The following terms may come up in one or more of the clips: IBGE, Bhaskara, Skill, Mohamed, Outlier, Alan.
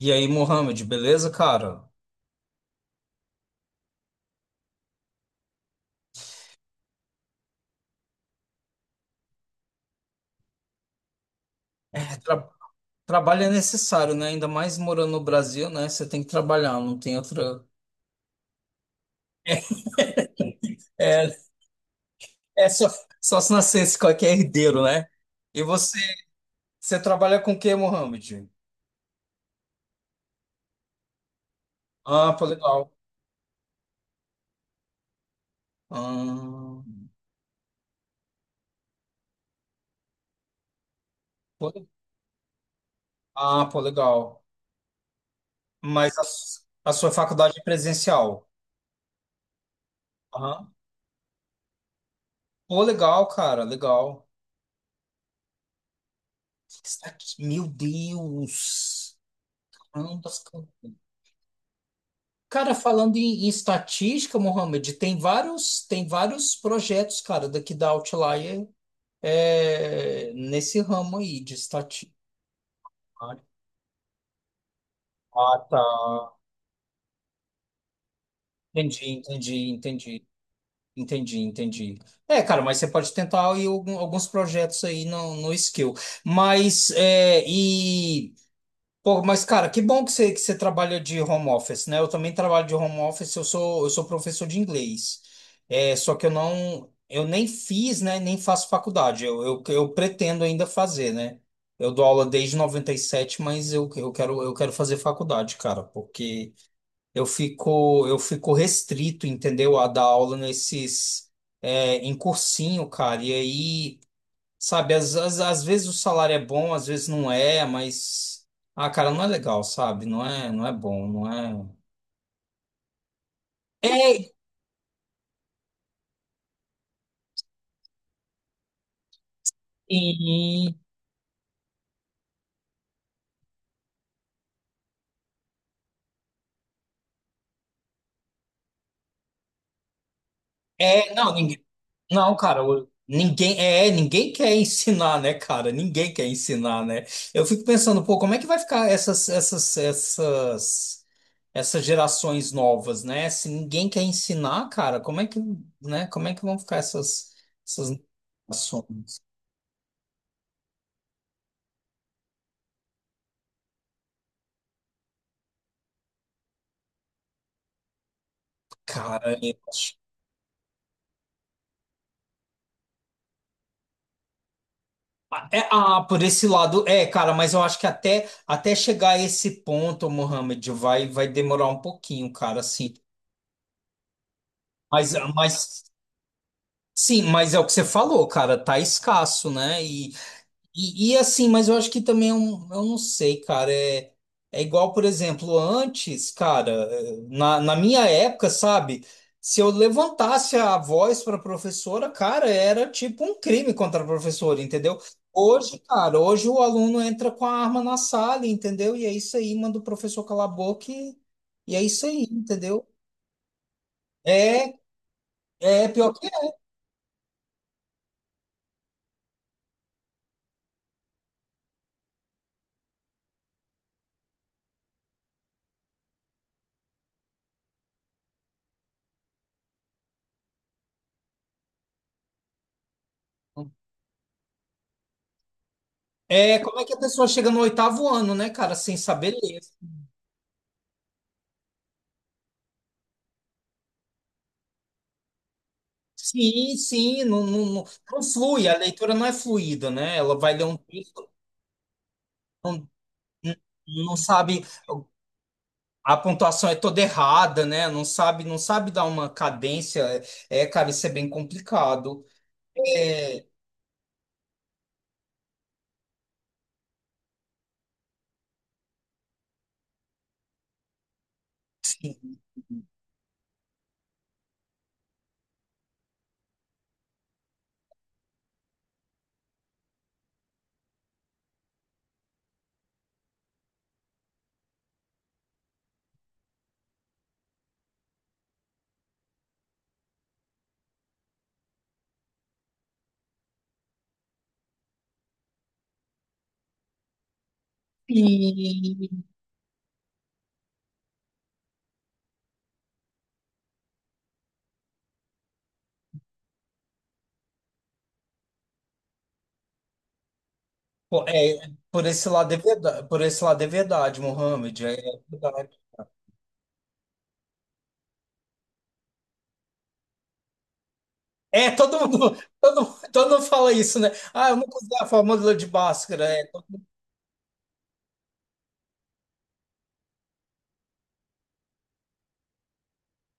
E aí, Mohamed, beleza, cara? É, tra- Trabalho é necessário, né? Ainda mais morando no Brasil, né? Você tem que trabalhar, não tem outra. É, é só, Só se nascesse qualquer herdeiro, né? E você, você trabalha com o quê, Mohamed? Ah, pô, legal. Ah, pô, ah, pô, legal. Mas a sua faculdade é presencial? Aham. Pô, legal, cara, legal. Está aqui, meu Deus. Caramba, cara, falando em estatística, Mohamed, tem tem vários projetos, cara, daqui da Outlier, nesse ramo aí de estatística. Ah, tá. Entendi, entendi, entendi, entendi. É, cara, mas você pode tentar aí alguns projetos aí no Skill. Mas, é, e. Pô, mas cara, que bom que você trabalha de home office, né? Eu também trabalho de home office, eu sou professor de inglês. É, só que eu nem fiz, né? Nem faço faculdade. Eu pretendo ainda fazer, né? Eu dou aula desde 97, mas eu quero fazer faculdade, cara, porque eu fico restrito, entendeu? A dar aula em cursinho, cara. E aí. Sabe, às vezes o salário é bom, às vezes não é, mas. Ah, cara, não é legal, sabe? Não é bom, não é. É, e. É, não, ninguém. Não, cara, ninguém. É, ninguém quer ensinar, né, cara? Ninguém quer ensinar, né? Eu fico pensando, pô, como é que vai ficar essas gerações novas, né? Se ninguém quer ensinar, cara, né? Como é que vão ficar essas gerações? Cara, eu acho. É, ah, por esse lado, é, cara, mas eu acho que até chegar a esse ponto, Mohamed, vai demorar um pouquinho, cara, assim. Mas sim, mas é o que você falou, cara, tá escasso, né? E assim, mas eu acho que também eu não sei, cara. É, é igual, por exemplo, antes, cara, na minha época, sabe? Se eu levantasse a voz para professora, cara, era tipo um crime contra a professora, entendeu? Hoje, cara, hoje o aluno entra com a arma na sala, entendeu? E é isso aí, manda o professor calar a boca e é isso aí, entendeu? É, é pior que é. Como é que a pessoa chega no oitavo ano, né, cara, sem saber ler? Sim, sim, não, não, não, não flui, a leitura não é fluida, né? Ela vai ler um texto, não, não sabe, a pontuação é toda errada, né? Não sabe, não sabe dar uma cadência. É, cara, isso é bem complicado. É, sim, sim. Pô, é, por esse lado é verdade, por esse lado é verdade, Mohamed, é verdade. É, todo mundo, todo, todo mundo fala isso, né? Ah, eu não usei a fórmula de Bhaskara,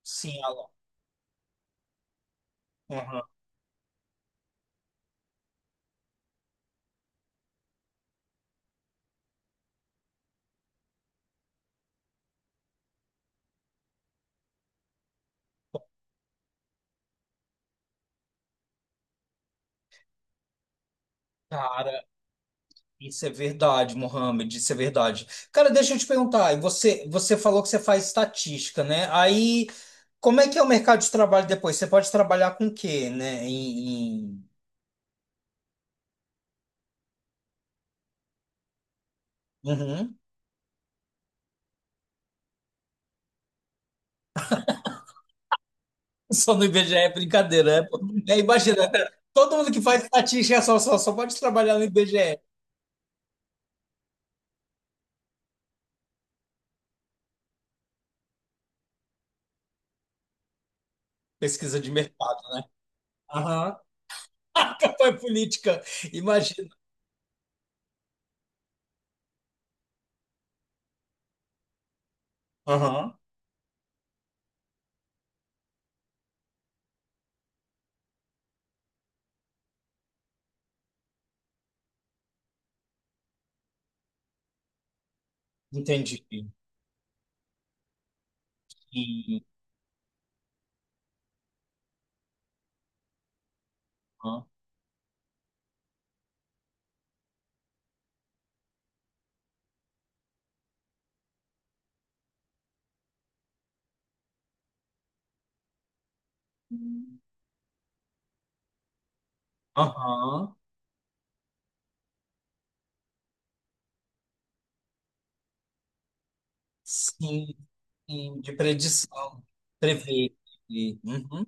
sim, Alan. Uhum. Cara, isso é verdade, Mohamed, isso é verdade. Cara, deixa eu te perguntar, você falou que você faz estatística, né? Aí, como é que é o mercado de trabalho depois? Você pode trabalhar com o quê, né? Em, em- Uhum. Só no IBGE é brincadeira, né? Pô? É, imagina, cara, todo mundo que faz estatística é só pode trabalhar no IBGE. Pesquisa de mercado. Aham. Campanha política, imagina. Aham. Entendi. Sim. Aham. Aham. Sim. Sim, de predição, prever. E, uhum.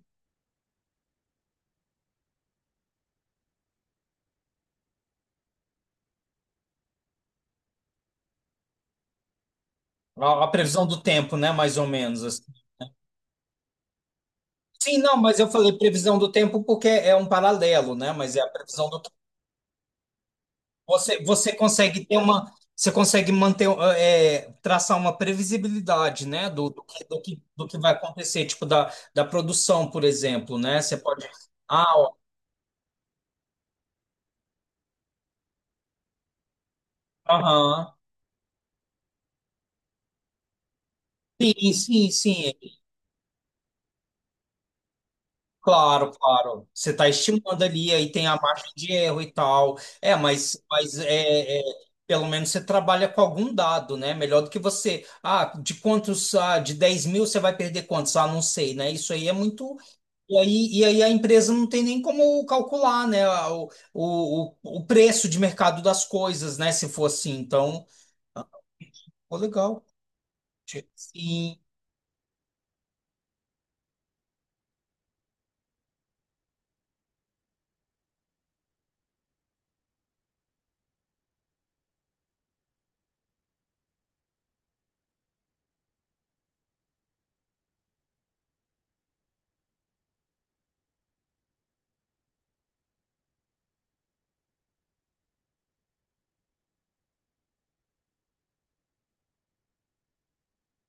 A previsão do tempo, né? Mais ou menos. Assim. Sim, não, mas eu falei previsão do tempo porque é um paralelo, né? Mas é a previsão do tempo. Você consegue ter uma. Você consegue manter, é, traçar uma previsibilidade, né? Do que vai acontecer, tipo, da produção, por exemplo, né? Você pode. Ah, ó, aham. Sim. Claro, claro. Você está estimando ali, aí tem a margem de erro e tal. É, pelo menos você trabalha com algum dado, né? Melhor do que você. Ah, de quantos, ah, de 10 mil você vai perder quantos? Ah, não sei, né? Isso aí é muito. E aí a empresa não tem nem como calcular, né? O preço de mercado das coisas, né? Se for assim. Então, ah, pô, legal. Sim,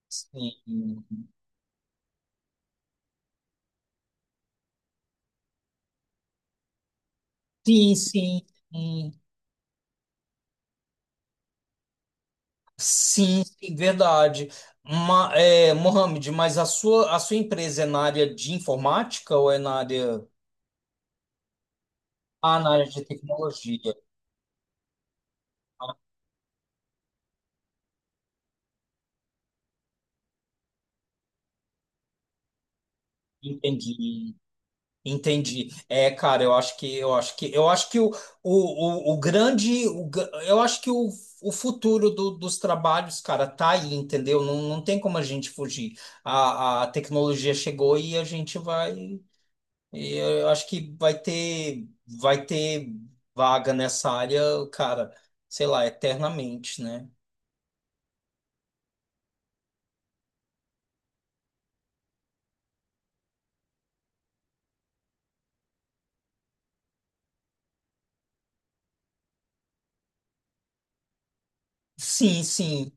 sim. Sim, sim. Sim. Sim, sim, verdade. Mohamed, mas a sua empresa é na área de informática ou é ah, na área de tecnologia? Ah, entendi, entendi. É, cara, eu acho que o grande, eu acho que o futuro dos trabalhos, cara, tá aí, entendeu? Não tem como a gente fugir. A tecnologia chegou e a gente vai. E eu acho que vai ter vaga nessa área, cara, sei lá, eternamente, né? Sim, sim.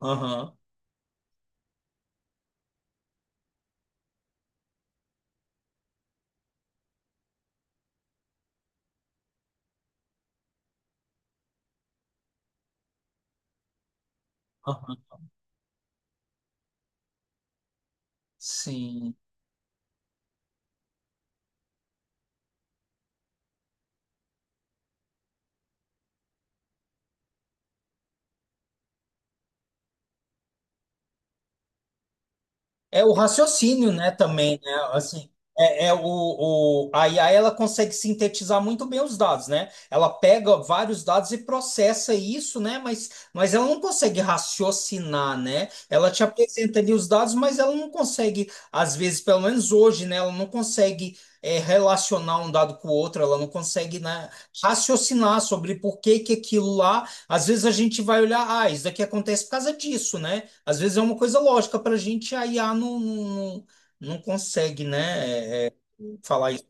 Aham, aham. Sim. É o raciocínio, né, também, né? Assim, é, é o, a IA ela consegue sintetizar muito bem os dados, né? Ela pega vários dados e processa isso, né? Mas ela não consegue raciocinar, né? Ela te apresenta ali os dados, mas ela não consegue, às vezes, pelo menos hoje, né? Ela não consegue é, relacionar um dado com o outro, ela não consegue, né, raciocinar sobre por que que aquilo lá às vezes a gente vai olhar, ah, isso daqui acontece por causa disso, né? Às vezes é uma coisa lógica para a gente, a IA não não consegue, né, é, é, falar isso.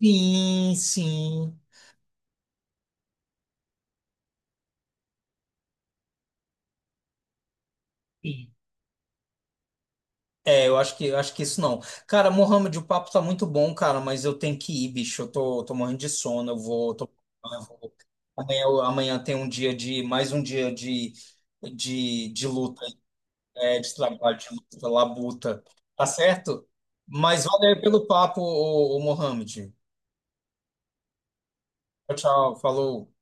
Sim, sim. Sim. É, eu acho que isso não. Cara, Mohamed, o papo tá muito bom, cara, mas eu tenho que ir, bicho. Tô morrendo de sono, eu vou, tô- eu vou- amanhã, amanhã tem um dia de, mais um dia de luta. É, de trabalho, de luta, labuta. Tá certo? Mas valeu pelo papo, o, Mohamed. Tchau, tchau. Falou.